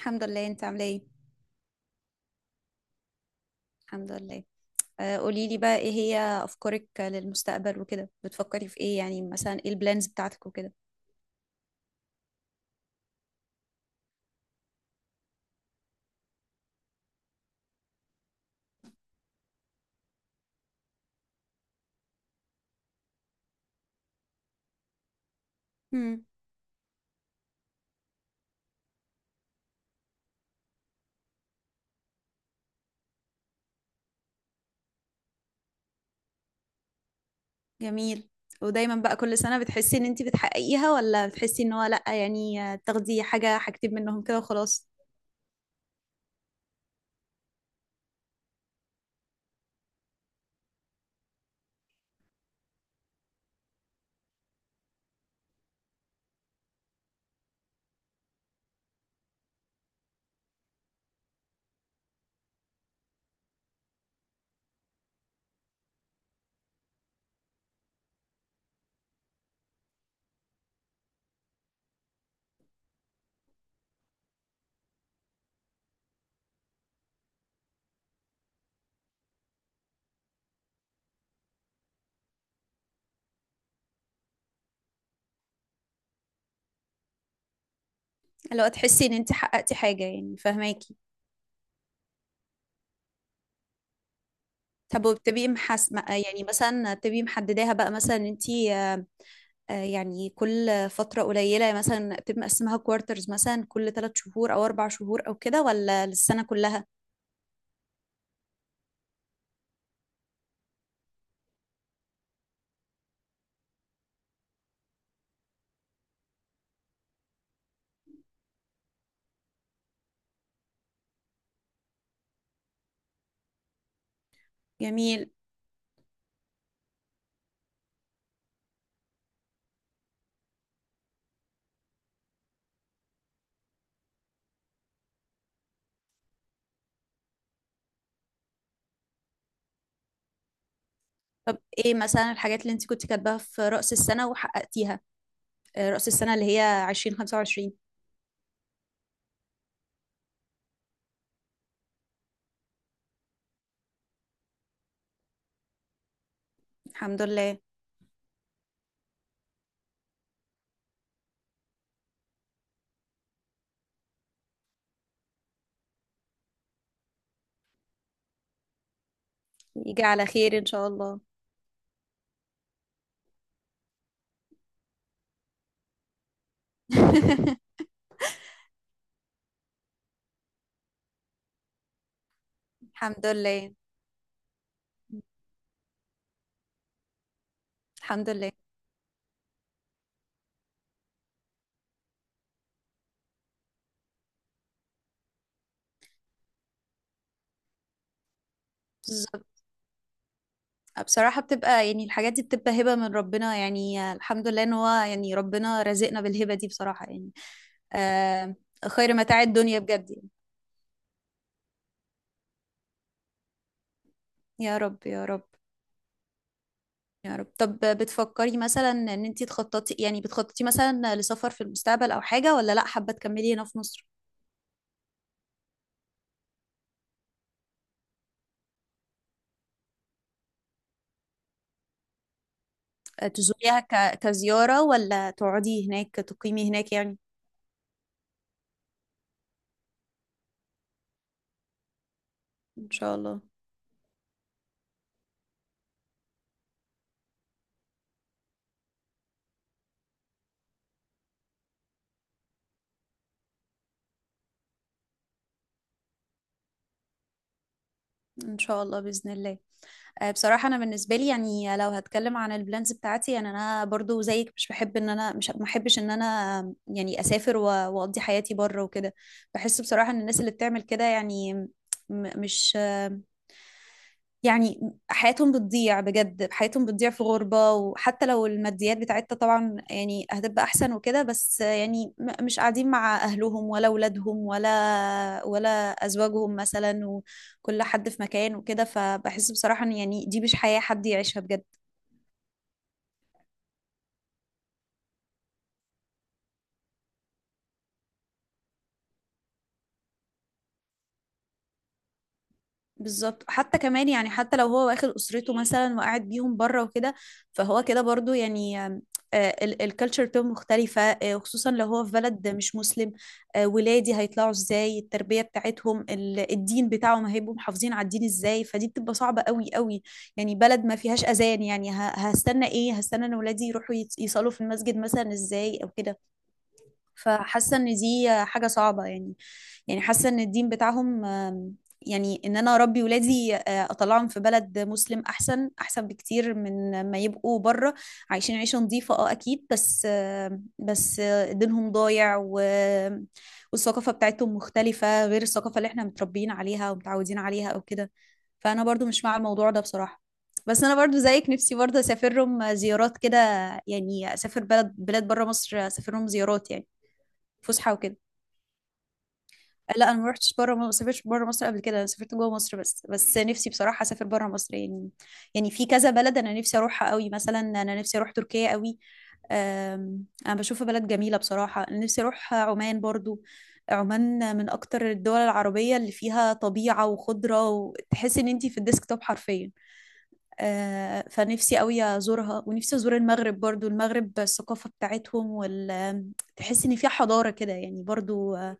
الحمد لله، انت عامله ايه؟ الحمد لله. آه، قولي لي بقى ايه هي افكارك للمستقبل وكده، بتفكري في ايه؟ يعني مثلا ايه البلانز بتاعتك وكده؟ امم جميل. ودايما بقى كل سنه بتحسي ان انت بتحققيها، ولا بتحسي ان هو لا، يعني تاخدي حاجه حاجتين منهم كده وخلاص؟ لو تحسي ان انت حققتي حاجه، يعني فهماكي؟ طب وبتبقي محاسبه، يعني مثلا بتبقي محدداها بقى مثلا انت، يعني كل فترة قليلة مثلا بتبقى مقسمها كوارترز، مثلا كل 3 شهور أو 4 شهور أو كده، ولا للسنة كلها؟ جميل. طب إيه مثلا الحاجات اللي أنت كنت كاتباها في رأس السنة وحققتيها؟ رأس السنة اللي هي 2025. الحمد لله. يجي على خير إن شاء الله. الحمد لله، الحمد لله. بالظبط. بصراحة بتبقى يعني الحاجات دي بتبقى هبة من ربنا، يعني الحمد لله ان هو يعني ربنا رزقنا بالهبة دي بصراحة يعني. آه. خير متاع الدنيا بجد يعني. يا رب، يا رب. يا رب. طب بتفكري مثلا ان انتي تخططي؟ يعني بتخططي مثلا لسفر في المستقبل او حاجة، ولا لا حابة تكملي هنا في مصر؟ تزوريها كزيارة، ولا تقعدي هناك تقيمي هناك يعني؟ ان شاء الله. ان شاء الله، باذن الله. بصراحه انا بالنسبه لي، يعني لو هتكلم عن البلانز بتاعتي، يعني انا برضو زيك، مش بحب ان انا، مش ما احبش ان انا يعني اسافر واقضي حياتي بره وكده. بحس بصراحه ان الناس اللي بتعمل كده يعني، مش، يعني حياتهم بتضيع بجد، حياتهم بتضيع في غربة. وحتى لو الماديات بتاعتها طبعا يعني هتبقى أحسن وكده، بس يعني مش قاعدين مع أهلهم ولا أولادهم ولا أزواجهم مثلا، وكل حد في مكان وكده. فبحس بصراحة إن يعني دي مش حياة حد يعيشها بجد. بالظبط، حتى كمان يعني حتى لو هو واخد اسرته مثلا وقاعد بيهم بره وكده، فهو كده برضو يعني الكالتشر بتاعته مختلفة. وخصوصا لو هو في بلد مش مسلم. ولادي هيطلعوا ازاي؟ التربية بتاعتهم، الدين بتاعهم، هيبقوا محافظين على الدين ازاي؟ فدي بتبقى صعبة قوي قوي. يعني بلد ما فيهاش اذان، يعني هستنى ايه؟ هستنى ان ولادي يروحوا يصلوا في المسجد مثلا ازاي او كده؟ فحاسه ان دي حاجه صعبه يعني. يعني حاسه ان الدين بتاعهم، يعني ان انا اربي ولادي، اطلعهم في بلد مسلم احسن احسن بكتير من ما يبقوا بره. عايشين عيشه نظيفه، اه اكيد، بس دينهم ضايع والثقافه بتاعتهم مختلفه غير الثقافه اللي احنا متربيين عليها ومتعودين عليها او كده. فانا برضو مش مع الموضوع ده بصراحه. بس انا برضو زيك، نفسي برضو اسافرهم زيارات كده. يعني اسافر بلاد بره مصر، اسافرهم زيارات يعني، فسحه وكده. لا، انا ما رحتش بره، ما سافرتش بره مصر قبل كده، انا سافرت جوه مصر بس نفسي بصراحه اسافر بره مصر يعني. يعني في كذا بلد انا نفسي اروحها قوي، مثلا انا نفسي اروح تركيا قوي. انا بشوفها بلد جميله بصراحه. انا نفسي اروح عمان برضو. عمان من اكتر الدول العربيه اللي فيها طبيعه وخضره، وتحس ان انتي في الديسكتوب حرفيا. فنفسي قوي ازورها، ونفسي ازور المغرب برضو. المغرب الثقافة بتاعتهم، وال تحس ان فيها حضارة كده يعني برضو.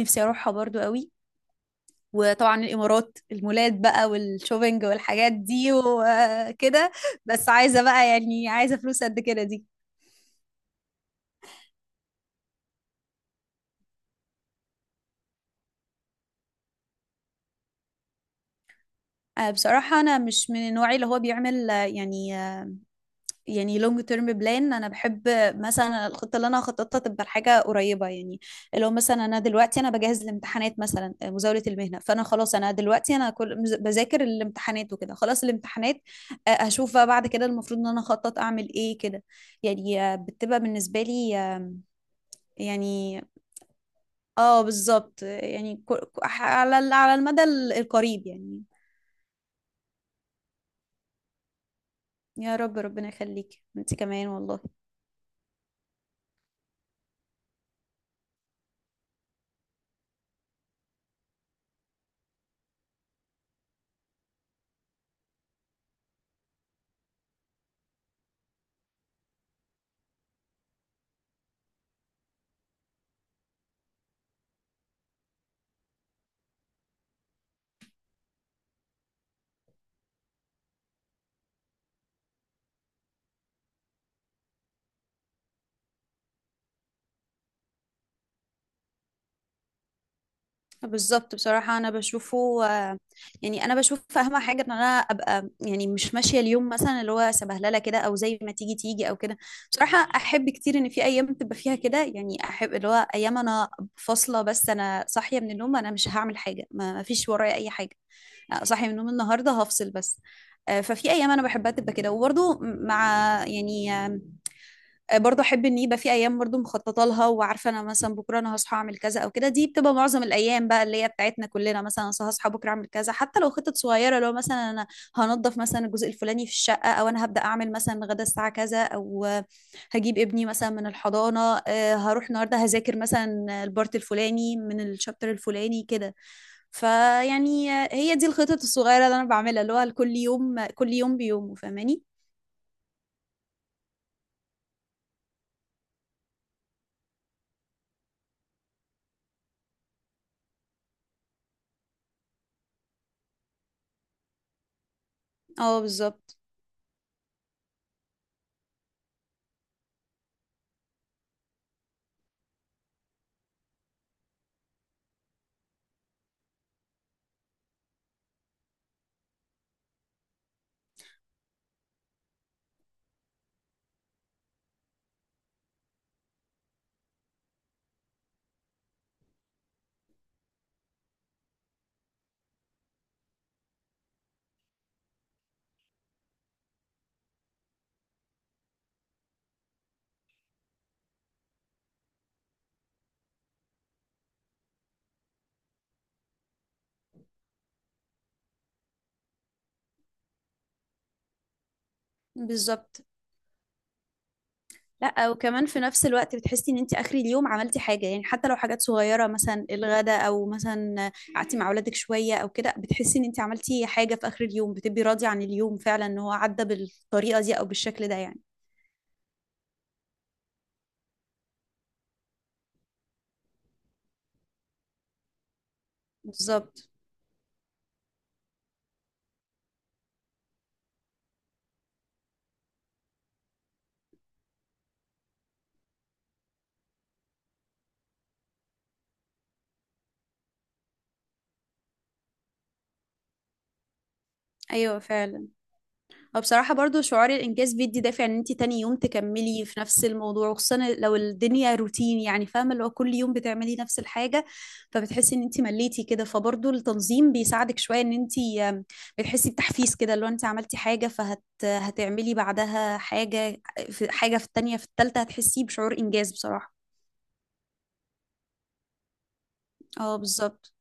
نفسي اروحها برضو قوي. وطبعا الامارات، المولات بقى والشوبينج والحاجات دي وكده. بس عايزة بقى يعني، عايزة فلوس قد كده دي. بصراحة أنا مش من النوع اللي هو بيعمل، يعني لونج تيرم بلان. انا بحب مثلا الخطه اللي انا هخططها تبقى لحاجه قريبه يعني. اللي هو مثلا انا دلوقتي انا بجهز الامتحانات مثلا، مزاوله المهنه، فانا خلاص انا دلوقتي انا كل بذاكر الامتحانات وكده، خلاص الامتحانات، هشوف بقى بعد كده المفروض ان انا اخطط اعمل ايه كده. يعني بتبقى بالنسبه لي، يعني، اه بالظبط، يعني على المدى القريب يعني. يا رب، ربنا يخليك انت كمان والله. بالظبط. بصراحة أنا بشوفه، يعني أنا بشوف أهم حاجة إن أنا أبقى يعني مش ماشية اليوم مثلا اللي هو سبهللة كده، أو زي ما تيجي تيجي أو كده. بصراحة أحب كتير إن في أيام تبقى فيها كده يعني، أحب اللي هو أيام أنا فاصلة بس، أنا صاحية من النوم أنا مش هعمل حاجة، ما فيش ورايا أي حاجة. صاحية من النوم النهاردة هفصل بس. ففي أيام أنا بحبها تبقى كده، وبرضه مع يعني، برضو احب ان يبقى في ايام برضو مخططه لها، وعارفه انا مثلا بكره انا هصحى اعمل كذا او كده. دي بتبقى معظم الايام بقى اللي هي بتاعتنا كلنا، مثلا أنا هصحى بكره اعمل كذا، حتى لو خطط صغيره، لو مثلا انا هنضف مثلا الجزء الفلاني في الشقه، او انا هبدا اعمل مثلا غدا الساعه كذا، او هجيب ابني مثلا من الحضانه، هروح النهارده هذاكر مثلا البارت الفلاني من الشابتر الفلاني كده. فيعني هي دي الخطط الصغيره اللي انا بعملها، اللي هو كل يوم كل يوم بيومه فاهماني. اه بالظبط. بالظبط. لا، وكمان في نفس الوقت بتحسي ان انت اخر اليوم عملتي حاجه، يعني حتى لو حاجات صغيره مثلا الغداء، او مثلا قعدتي مع اولادك شويه او كده، بتحسي ان انت عملتي حاجه في اخر اليوم، بتبقي راضيه عن اليوم فعلا ان هو عدى بالطريقه دي او بالشكل ده يعني. بالظبط. ايوه، فعلا. وبصراحة برضو شعور الإنجاز بيدي دافع إن أنت تاني يوم تكملي في نفس الموضوع، وخصوصا لو الدنيا روتين يعني، فاهمة اللي هو كل يوم بتعملي نفس الحاجة، فبتحسي إن أنت مليتي كده، فبرضو التنظيم بيساعدك شوية إن أنت، بتحسي بتحفيز كده، لو أنت عملتي حاجة فهت هتعملي بعدها حاجة، في حاجة في التانية في التالتة، هتحسي بشعور إنجاز بصراحة. اه بالظبط.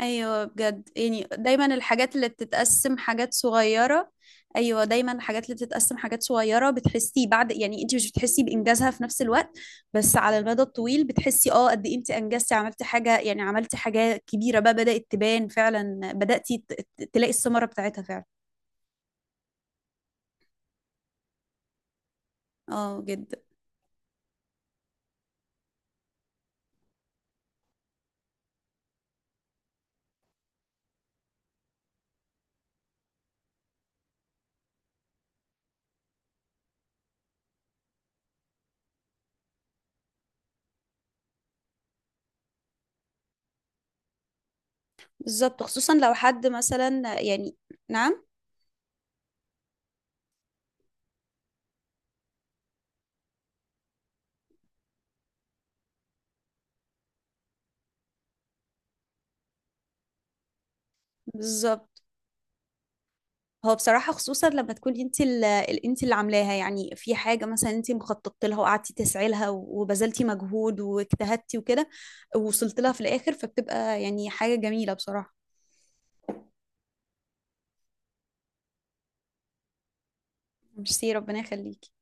ايوه بجد، يعني دايما الحاجات اللي بتتقسم حاجات صغيره. ايوه، دايما الحاجات اللي بتتقسم حاجات صغيره بتحسي بعد، يعني انت مش بتحسي بانجازها في نفس الوقت، بس على المدى الطويل بتحسي اه قد ايه انت انجزتي عملتي حاجه، يعني عملتي حاجه كبيره بقى بدات تبان فعلا، بداتي تلاقي الثمره بتاعتها فعلا. اه جدا. بالظبط، خصوصا لو حد مثلا يعني. نعم. بالظبط. هو بصراحة خصوصا لما تكوني انت انت اللي عاملاها، يعني في حاجة مثلا انت مخططت لها وقعدتي تسعي لها وبذلتي مجهود واجتهدتي وكده، ووصلت لها في الآخر، فبتبقى يعني حاجة جميلة بصراحة. ميرسي، ربنا يخليكي.